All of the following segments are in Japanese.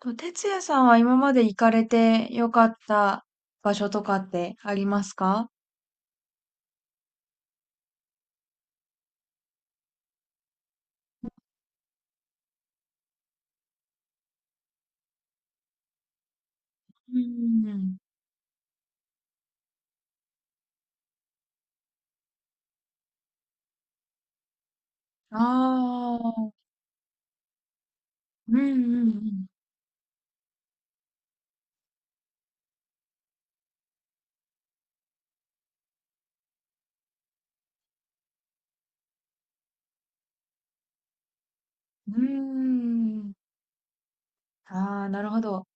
と、哲也さんは今まで行かれてよかった場所とかってありますか？うんうんうん。ああ、うんうんうん。うーん。ああ、なるほど。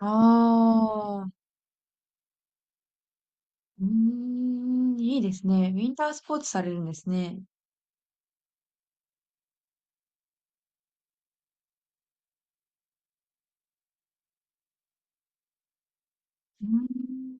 ああ、うーん、いいですね。ウィンタースポーツされるんですね。うーん、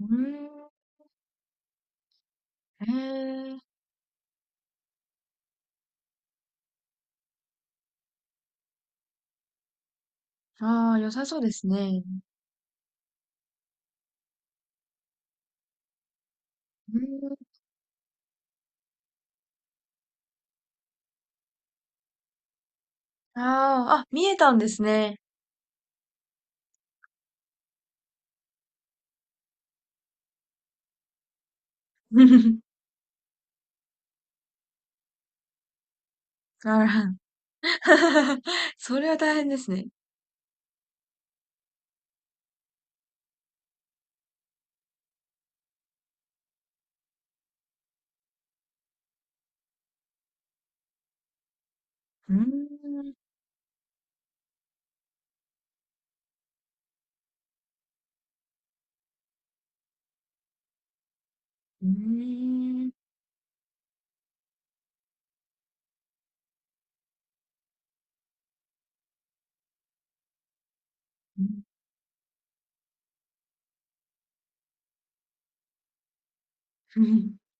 うーん、へえ。ああ、良さそうですね。うーん、ああ、あ、見えたんですね。あら。それは大変ですね。うーん。うーん。うん。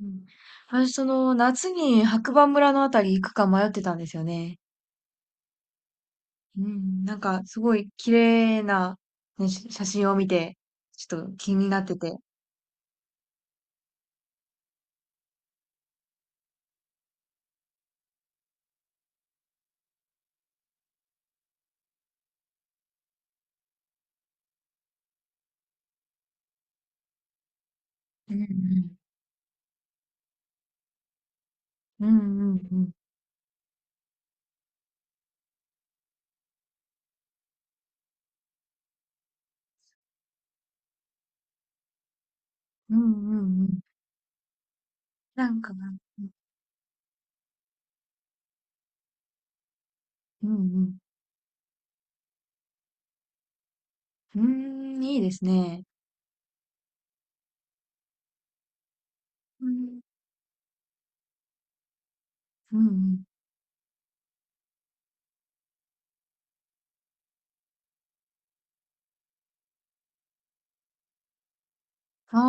うん。私、その、夏に白馬村のあたり行くか迷ってたんですよね。うん。なんか、すごい綺麗な、ね、し写真を見て、ちょっと気になってて。うんうん。うんうんうん。うんうんうん。なんかな、うんうんうーん、いいですね。うん。うんうん。あ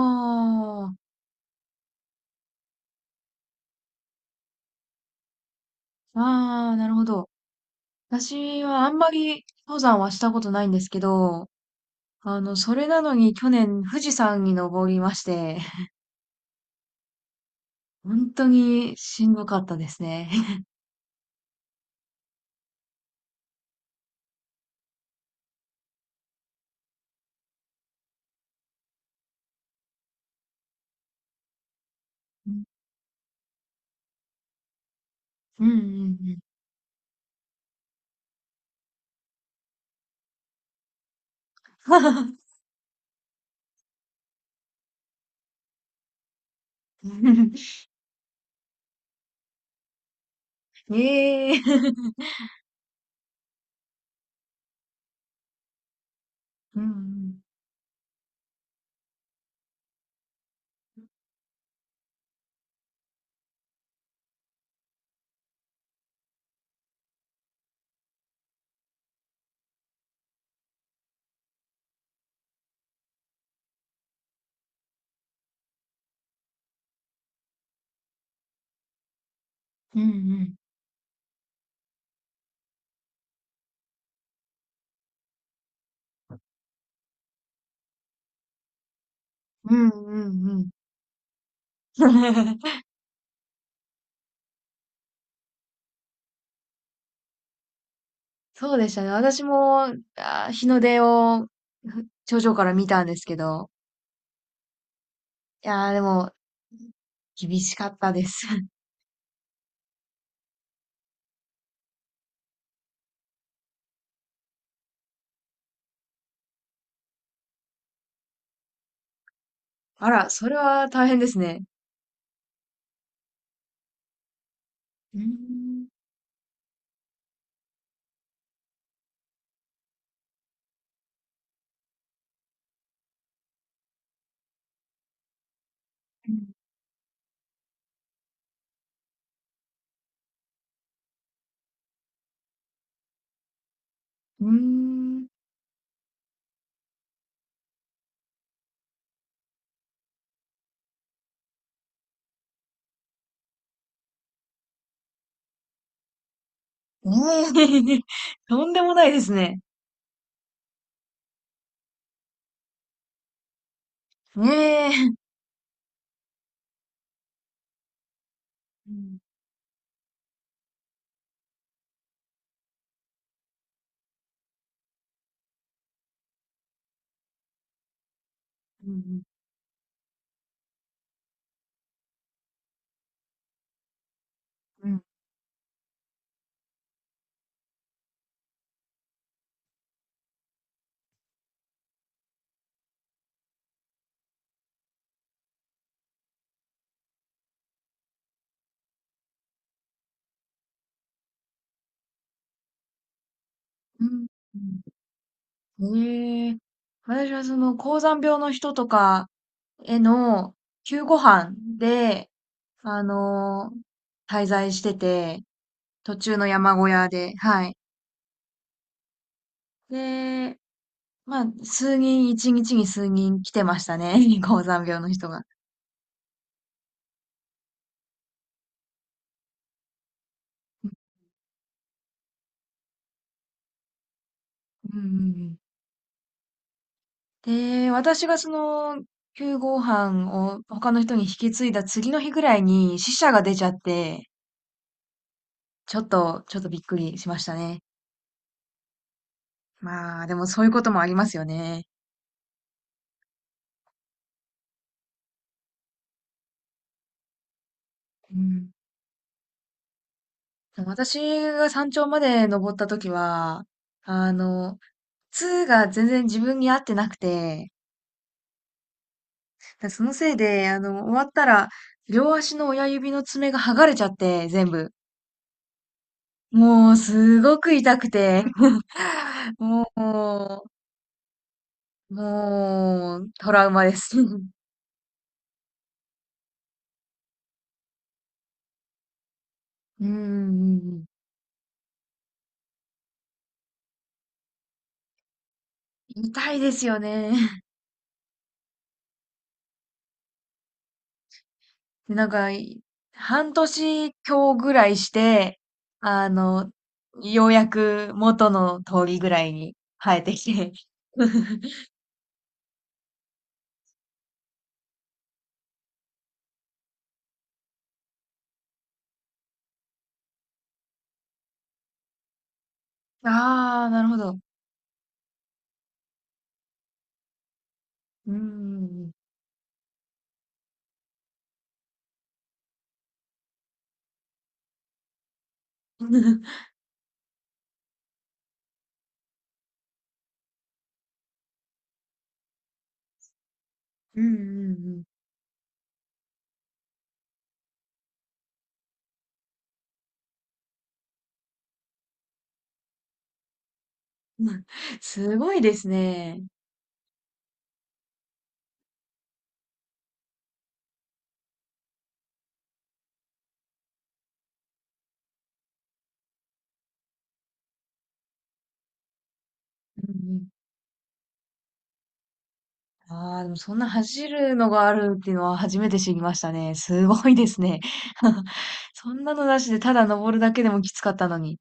あ、ああ、なるほど。私はあんまり登山はしたことないんですけど、あの、それなのに去年富士山に登りまして、本当にしんどかったですね。うん、うん、うん。うん ええうん、うん、うん、うん、うん、うんうんうんうんうん そうでしたね。私も、あー、日の出をふ頂上から見たんですけど、いやーでも、厳しかったです。あら、それは大変ですね。うーん。うーん。ええ とんでもないですね。ええうん、うん、うん、うん。うんええ私はその、高山病の人とかへの救護班で、あのー滞在してて、途中の山小屋で、はい。で、まあ、数人、一日に数人来てましたね。高山病の人が。うん、うん、うん。で、私がその、9号飯を他の人に引き継いだ次の日ぐらいに死者が出ちゃって、ちょっと、ちょっとびっくりしましたね。まあ、でもそういうこともありますよね。うん。私が山頂まで登った時は、あの、痛が全然自分に合ってなくて、だそのせいで、あの、終わったら、両足の親指の爪が剥がれちゃって、全部。もう、すごく痛くて。もう、トラウマです。うんうんうん。痛いですよね。で、なんか、い半年強ぐらいして、あの、ようやく元の通りぐらいに生えてきて。ああ、なるほど。うんうんうん。うんうんうん すごいですね。うんああ、でもそんな走るのがあるっていうのは初めて知りましたね。すごいですね。そんなのなしでただ登るだけでもきつかったのに。